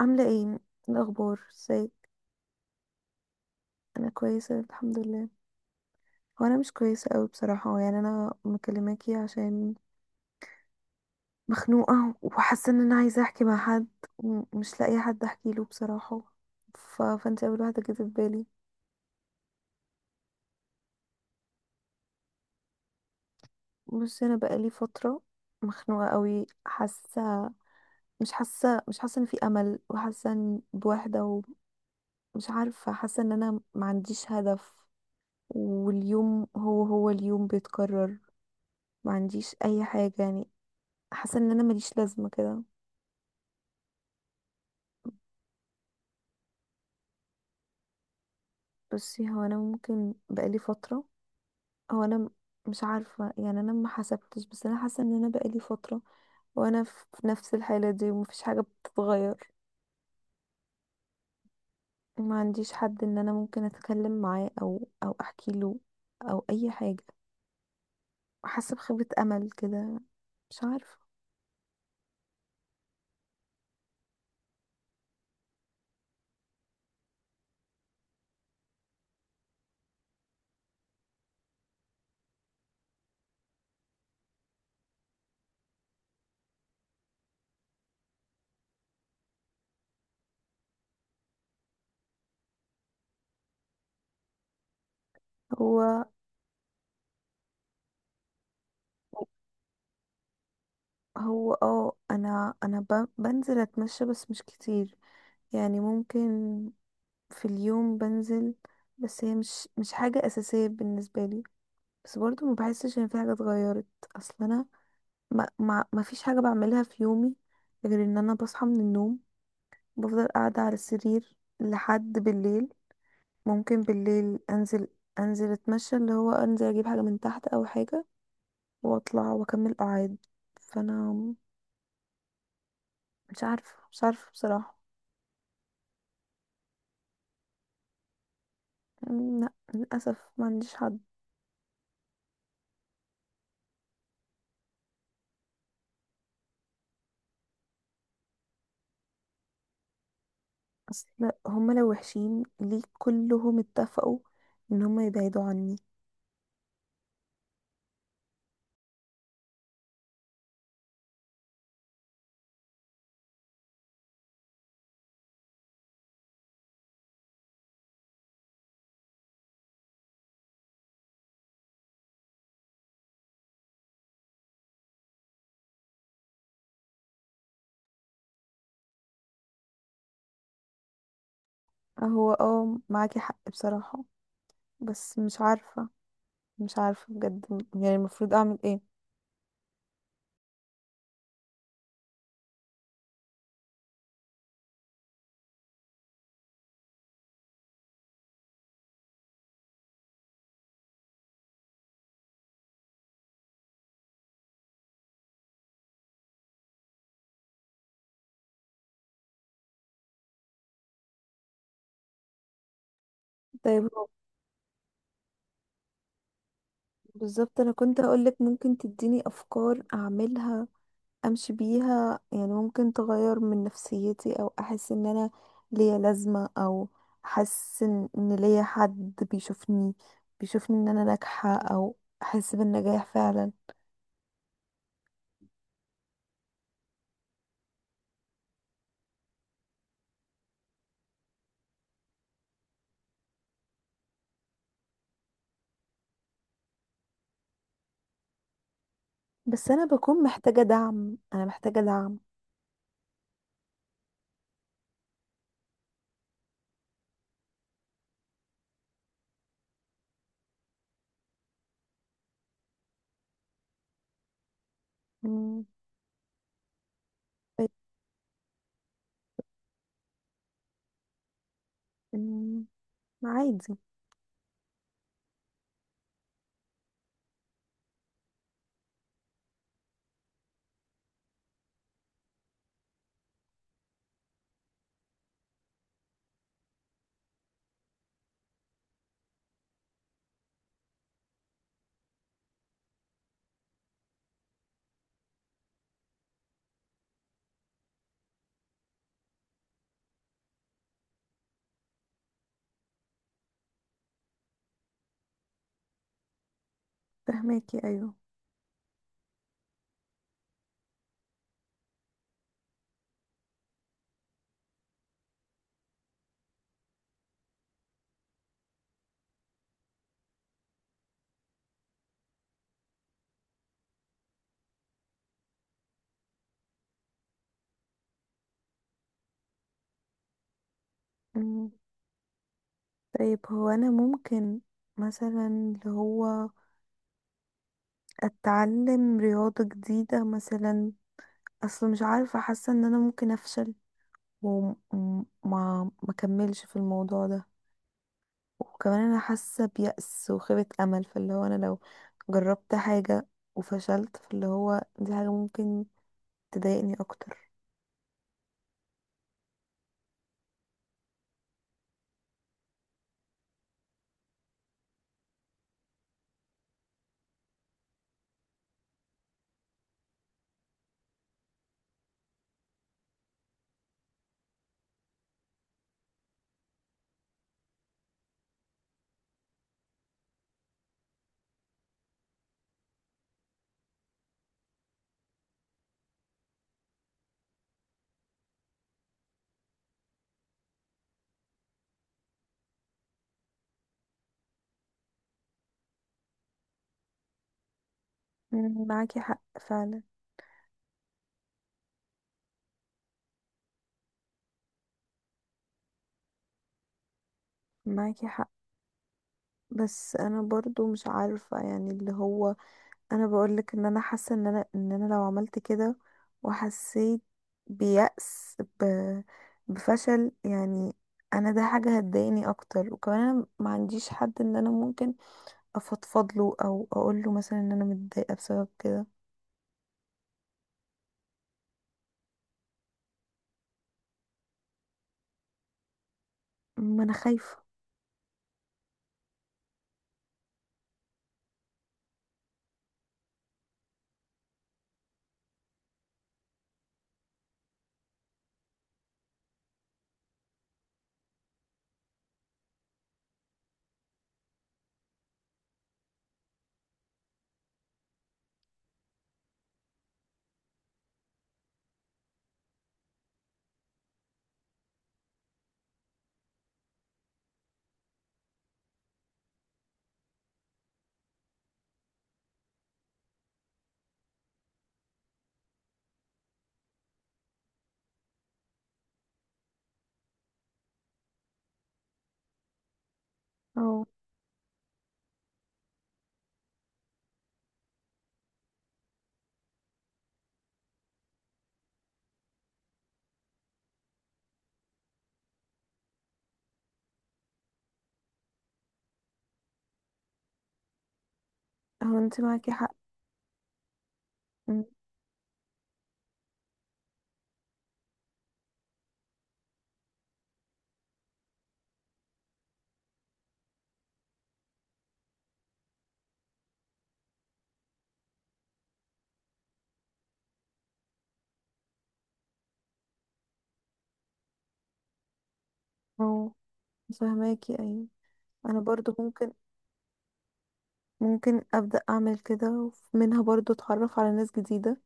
عاملة ايه؟ إيه الأخبار؟ ازيك؟ أنا كويسة الحمد لله. هو أنا مش كويسة أوي بصراحة، أنا مكلماكي عشان مخنوقة، وحاسة إن أنا عايزة أحكي مع حد، ومش لاقية حد أحكي له بصراحة. فأنت أول واحدة جت في بالي. بصي، أنا بقالي فترة مخنوقة أوي، حاسة مش حاسة إن في أمل، وحاسة إن بوحدة، ومش عارفة، حاسة إن أنا ما عنديش هدف. واليوم هو اليوم بيتكرر، ما عنديش اي حاجة، حاسه ان انا ماليش لازمه كده. بصي، هو انا ممكن بقالي فتره، هو انا م- مش عارفه، انا ما حسبتش، بس انا حاسه ان انا بقالي فتره وانا في نفس الحاله دي، ومفيش حاجه بتتغير. ما عنديش حد ان انا ممكن اتكلم معاه او احكي له او اي حاجه، حاسه بخيبه امل كده، مش عارفه. هو هو اه انا بنزل اتمشى بس مش كتير، يعني ممكن في اليوم بنزل، بس هي مش حاجة أساسية بالنسبة لي. بس برضو ما بحسش إن في حاجة اتغيرت. أصل أنا ما فيش حاجة بعملها في يومي غير إن أنا بصحى من النوم، بفضل قاعدة على السرير لحد بالليل. ممكن بالليل أنزل، أنزل أتمشى، اللي هو أنزل أجيب حاجة من تحت أو حاجة، وأطلع وأكمل قعاد. فأنا مش عارفة بصراحة. لا للأسف، ما عنديش حد. اصل هما لو وحشين ليه كلهم اتفقوا ان هما يبعدوا عني؟ هو اه معاكي حق بصراحة، بس مش عارفة بجد. يعني المفروض اعمل ايه؟ طيب، بالظبط انا كنت هقولك ممكن تديني افكار اعملها، امشي بيها، يعني ممكن تغير من نفسيتي، او احس ان انا ليا لازمة، او احس ان إن ليا حد بيشوفني ان انا ناجحة، او احس بالنجاح فعلا. بس انا بكون محتاجة دعم، انا محتاجة دعم. مم. طيب. أمم، عادي. فهماكي، ايوه. مم. طيب، هو انا ممكن مثلا اللي هو اتعلم رياضة جديدة مثلا. اصل مش عارفة، حاسة ان انا ممكن افشل وما ما اكملش في الموضوع ده، وكمان انا حاسة بيأس وخيبة امل، فاللي هو انا لو جربت حاجة وفشلت، فاللي هو دي حاجة ممكن تضايقني اكتر. مم. معاكي حق فعلا. معاكي حق، بس انا برضو مش عارفة، يعني اللي هو انا بقولك ان انا حاسة ان انا لو عملت كده وحسيت بيأس، بفشل يعني، انا ده حاجة هتضايقني اكتر، وكمان انا ما عنديش حد ان انا ممكن افضفض له او اقول له مثلا ان انا متضايقة بسبب كده. ما انا خايفة. او او انت معاكي حق. م- او فهماكي، ايوه. انا برضو ممكن ابدأ اعمل كده، ومنها برضو اتعرف على ناس جديدة،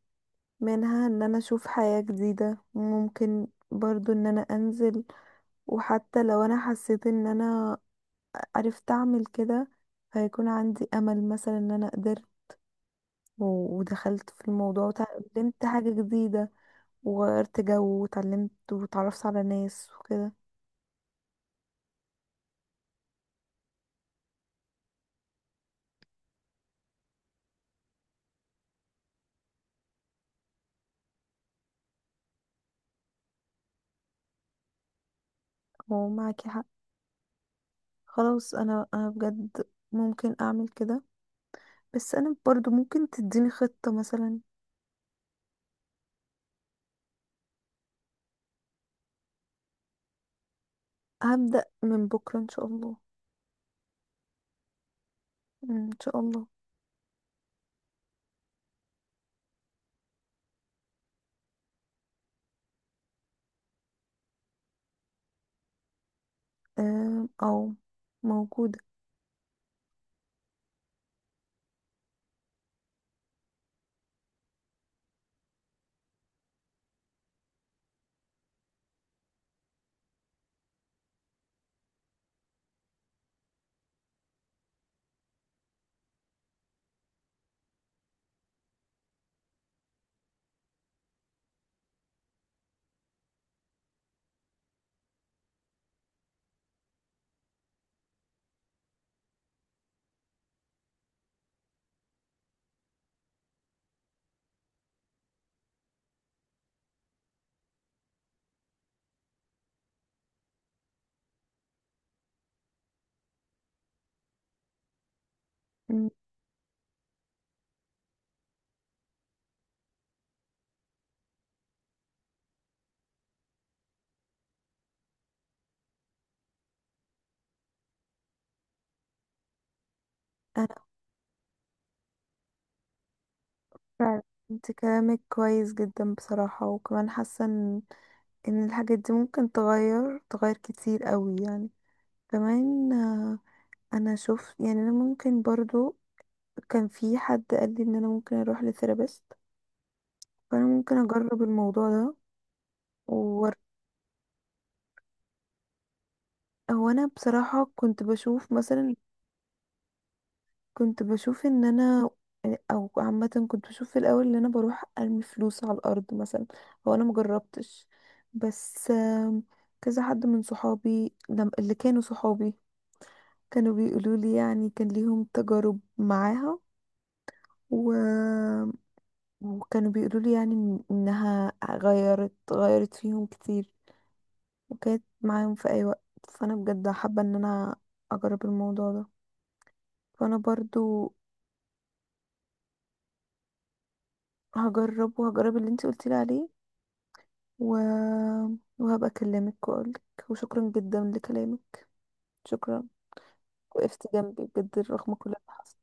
منها ان انا اشوف حياة جديدة، ممكن برضو ان انا انزل، وحتى لو انا حسيت ان انا عرفت اعمل كده، هيكون عندي امل مثلا ان انا قدرت ودخلت في الموضوع وتعلمت حاجة جديدة، وغيرت جو وتعلمت وتعرفت على ناس وكده. معاكي حق. خلاص انا، انا بجد ممكن اعمل كده، بس انا برضو ممكن تديني خطة مثلا؟ هبدأ من بكرة ان شاء الله. مم، ان شاء الله. آه، أو موجودة. أمم، أنا فعلا، أنت كلامك كويس جدا بصراحة، وكمان حاسة إن إن الحاجات دي ممكن تغير كتير قوي، يعني كمان، آه، أنا شفت، يعني أنا ممكن برضو، كان في حد قال لي إن أنا ممكن أروح لثيرابيست، فأنا ممكن أجرب الموضوع ده. وأور- هو أنا بصراحة كنت بشوف مثلا، كنت بشوف ان انا، او عامه كنت بشوف في الاول ان انا بروح ارمي فلوس على الارض مثلا، هو انا مجربتش، بس كذا حد من صحابي، اللي كانوا صحابي، كانوا بيقولوا لي، يعني كان ليهم تجارب معاها، و... وكانوا بيقولوا لي، يعني انها غيرت فيهم كتير، وكانت معاهم في اي وقت. فانا بجد حابه ان انا اجرب الموضوع ده، فانا برضو هجرب، وهجرب اللي انت قلتي لي عليه، و... وهبقى أكلمك وأقولك. وشكرا جدا لكلامك، شكرا. وقفت جنبي بجد رغم كل اللي حصل.